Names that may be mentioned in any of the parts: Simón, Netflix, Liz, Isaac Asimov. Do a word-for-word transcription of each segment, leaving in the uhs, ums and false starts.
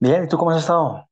Bien, ¿y tú cómo has estado?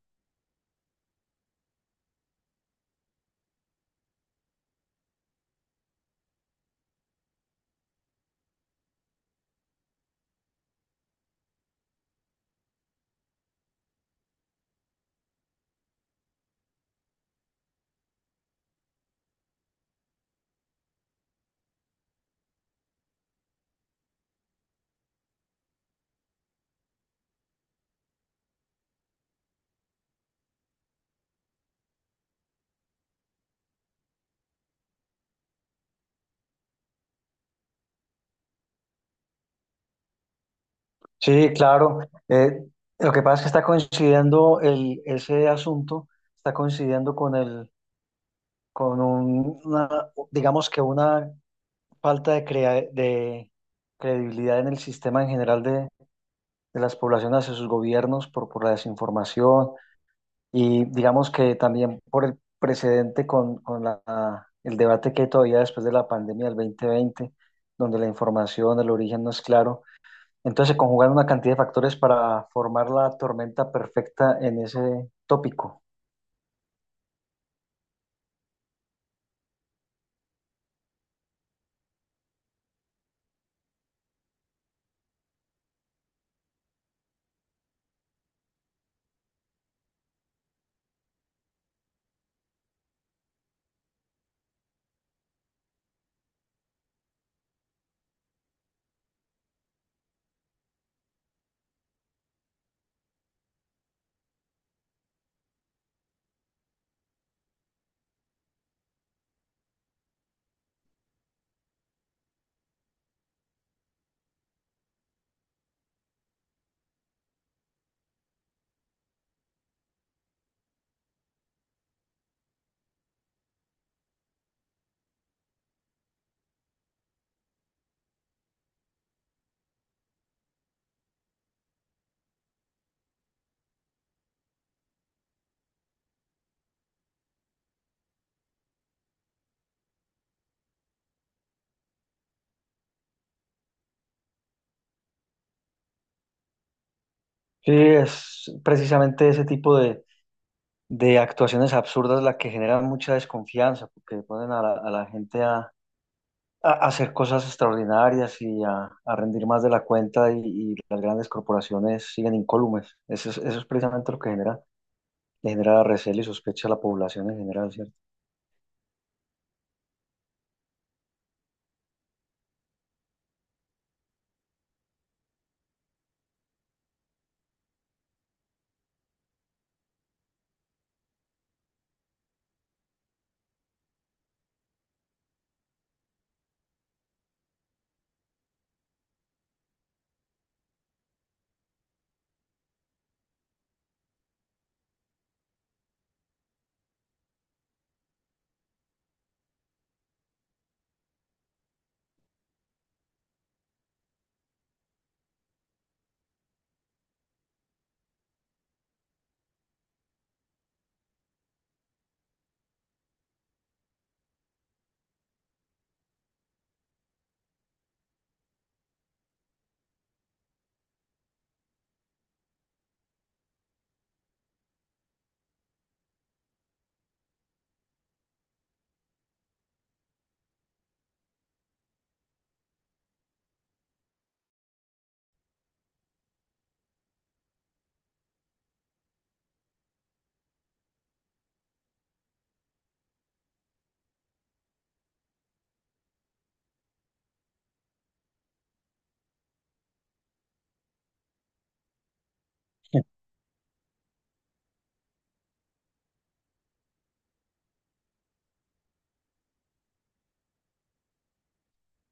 Sí, claro. eh, lo que pasa es que está coincidiendo el, ese asunto, está coincidiendo con el, con un- una, digamos que una falta de, crea- de credibilidad en el sistema en general de, de las poblaciones hacia sus gobiernos por, por la desinformación y digamos que también por el precedente con, con la, el debate que hay todavía después de la pandemia del dos mil veinte, donde la información, el origen no es claro. Entonces se conjugan una cantidad de factores para formar la tormenta perfecta en ese tópico. Sí, es precisamente ese tipo de, de actuaciones absurdas la que generan mucha desconfianza, porque ponen a la, a la gente a, a hacer cosas extraordinarias y a, a rendir más de la cuenta y, y las grandes corporaciones siguen incólumes. Eso es, eso es precisamente lo que genera, le genera recelo y sospecha a la población en general, ¿cierto?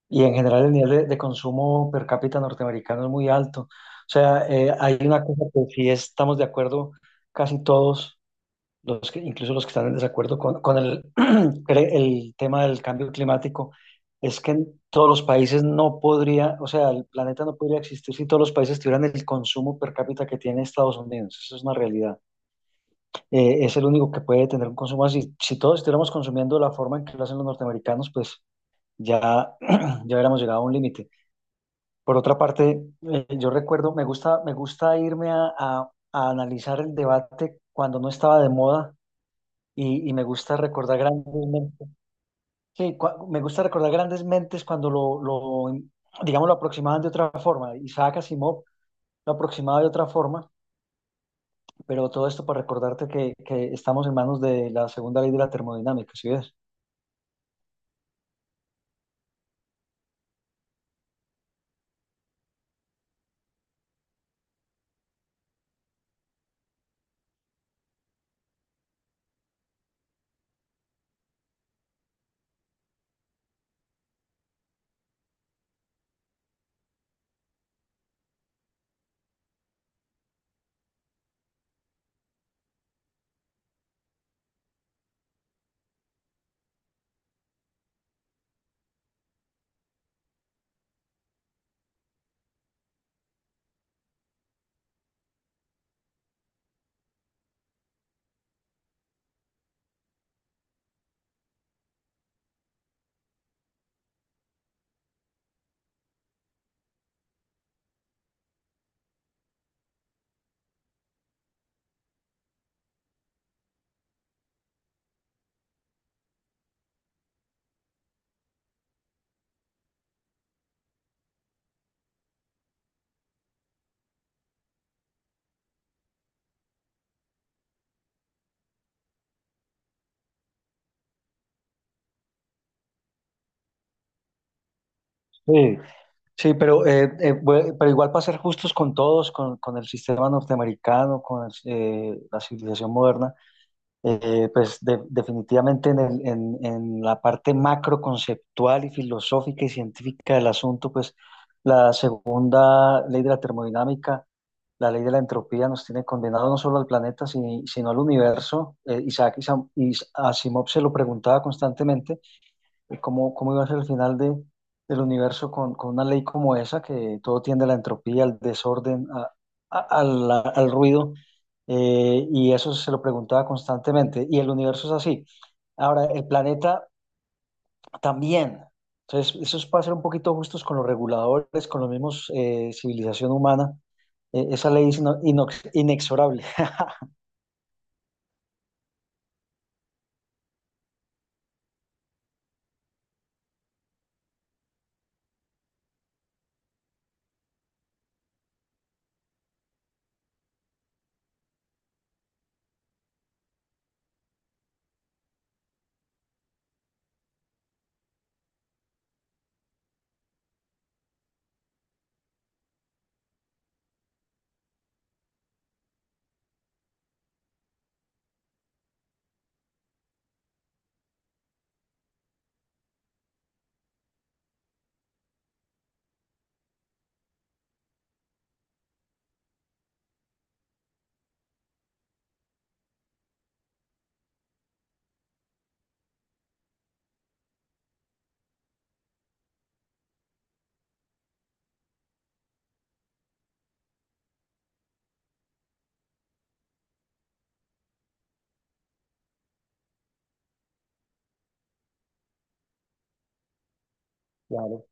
Y en general el nivel de, de consumo per cápita norteamericano es muy alto. O sea, eh, hay una cosa que sí estamos de acuerdo casi todos, los que, incluso los que están en desacuerdo con, con el, cre- el tema del cambio climático, es que en todos los países no podría, o sea, el planeta no podría existir si todos los países tuvieran el consumo per cápita que tiene Estados Unidos. Eso es una realidad. Eh, es el único que puede tener un consumo así. Si todos estuviéramos consumiendo de la forma en que lo hacen los norteamericanos, pues ya, ya hubiéramos llegado a un límite. Por otra parte, eh, yo recuerdo, me gusta, me gusta irme a, a- a analizar el debate cuando no estaba de moda y, y me gusta recordar grandes mentes. Sí, cua- me gusta recordar grandes mentes cuando lo, lo, digamos, lo aproximaban de otra forma. Isaac Asimov lo aproximaba de otra forma, pero todo esto para recordarte que, que estamos en manos de la segunda ley de la termodinámica, ¿sí ves? Sí, sí, pero, eh, eh, bue- pero igual para ser justos con todos, con, con el sistema norteamericano, con el- eh, la civilización moderna, eh, pues de- definitivamente en, el- en- en la parte macro conceptual y filosófica y científica del asunto, pues la segunda ley de la termodinámica, la ley de la entropía, nos tiene condenado no solo al planeta, si- sino al universo. Eh, Isaac Isam- Is- Asimov se lo preguntaba constantemente. eh, ¿Cómo, cómo iba a ser el final de, del universo con, con una ley como esa, que todo tiende a la entropía, al desorden, a- a- al, al ruido? eh, y eso se lo preguntaba constantemente. Y el universo es así. Ahora, el planeta también. Entonces, eso es para ser un poquito justos con los reguladores, con los mismos eh, civilización humana. Eh, esa ley es ino- inox- inexorable. Claro.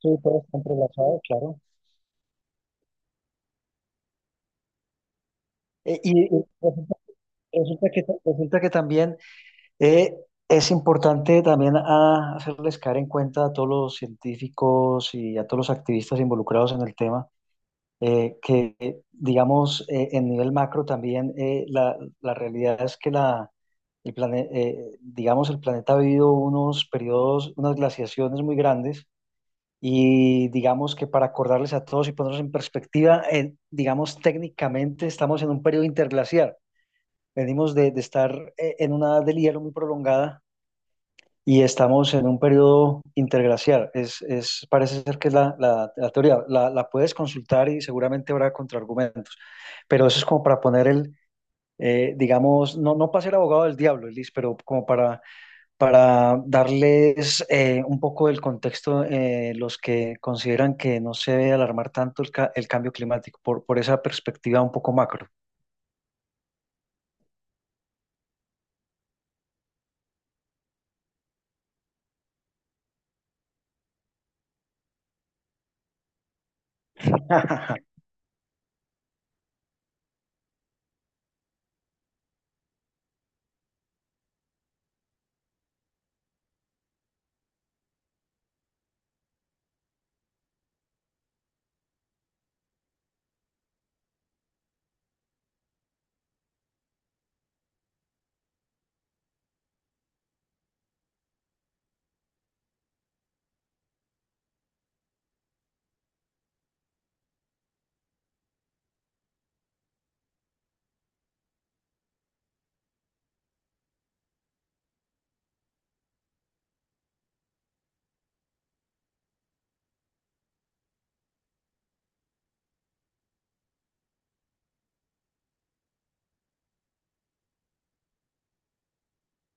Sí, todo está entrelazado, claro. Eh, y y resulta, resulta que, resulta que también. Eh, es importante también a- hacerles caer en cuenta a todos los científicos y a todos los activistas involucrados en el tema, eh, que, eh, digamos, eh, en nivel macro también, eh, la la realidad es que la, el plane- eh, digamos, el planeta ha vivido unos periodos, unas glaciaciones muy grandes y digamos que para acordarles a todos y ponernos en perspectiva, eh, digamos, técnicamente estamos en un periodo interglaciar. Venimos de, de estar eh, en una edad del hielo muy prolongada y estamos en un periodo interglaciar. Es, es, parece ser que es la, la, la teoría. La, la puedes consultar y seguramente habrá contraargumentos. Pero eso es como para poner el, eh, digamos, no, no para ser abogado del diablo, Elis, pero como para, para, darles eh, un poco del contexto eh, los que consideran que no se debe alarmar tanto el, ca- el cambio climático por, por esa perspectiva un poco macro.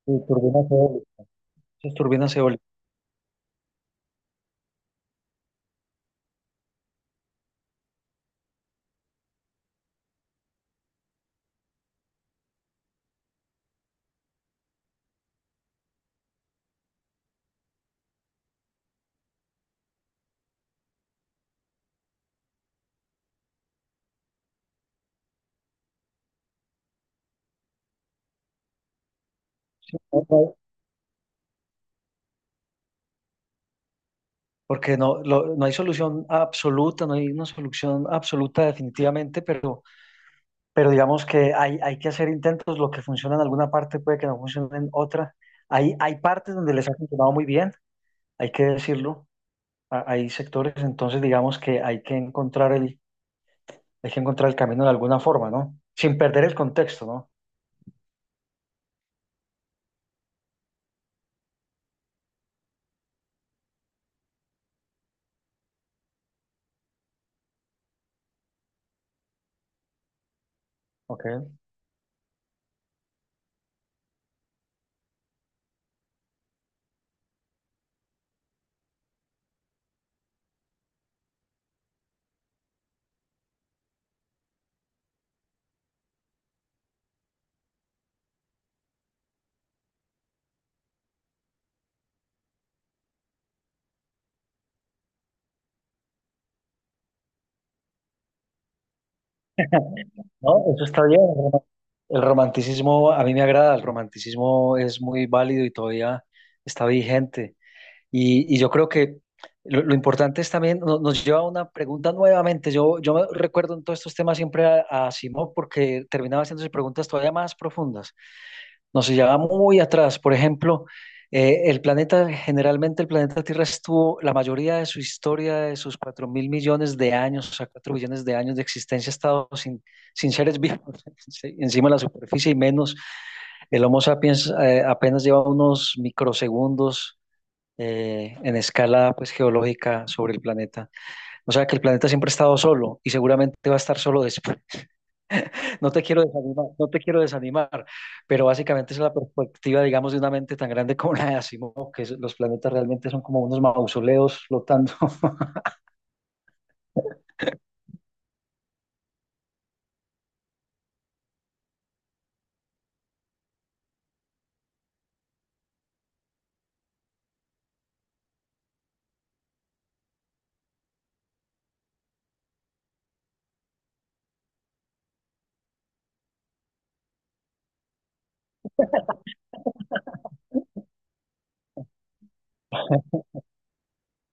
Sí, turbinas eólicas. Esas turbinas eólicas. ¿No? Porque no, lo- no hay solución absoluta, no hay una solución absoluta definitivamente, pero, pero digamos que hay, hay que hacer intentos, lo que funciona en alguna parte puede que no funcione en otra. Hay, hay partes donde les ha funcionado muy bien, hay que decirlo, a- hay sectores, entonces digamos que hay que encontrar el, hay que encontrar el camino de alguna forma, ¿no? Sin perder el contexto, ¿no? Ok. No, eso está bien. ¿No? El romanticismo a mí me agrada, el romanticismo es muy válido y todavía está vigente. Y, y yo creo que lo, lo importante es también, no- nos lleva a una pregunta nuevamente. Yo, yo me recuerdo en todos estos temas siempre a, a Simón porque terminaba haciéndose preguntas todavía más profundas. Nos llevaba muy atrás. Por ejemplo, eh, el planeta, generalmente el planeta Tierra estuvo, la mayoría de su historia, de sus cuatro mil millones de años, o sea, 4 billones de años de existencia, ha estado sin, sin seres vivos sí, encima de la superficie y menos. El Homo sapiens eh, apenas lleva unos microsegundos eh, en escala pues geológica sobre el planeta. O sea que el planeta siempre ha estado solo y seguramente va a estar solo después. No te quiero desanimar, no te quiero desanimar, pero básicamente esa es la perspectiva, digamos, de una mente tan grande como la de Asimov, que es- los planetas realmente son como unos mausoleos flotando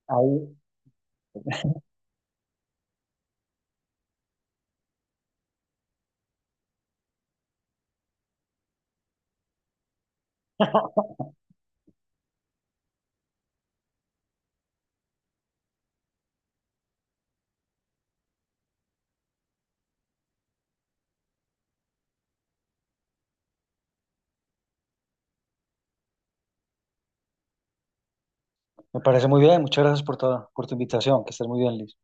ahí. Me parece muy bien, muchas gracias por toda, por tu invitación, que estés muy bien, Liz.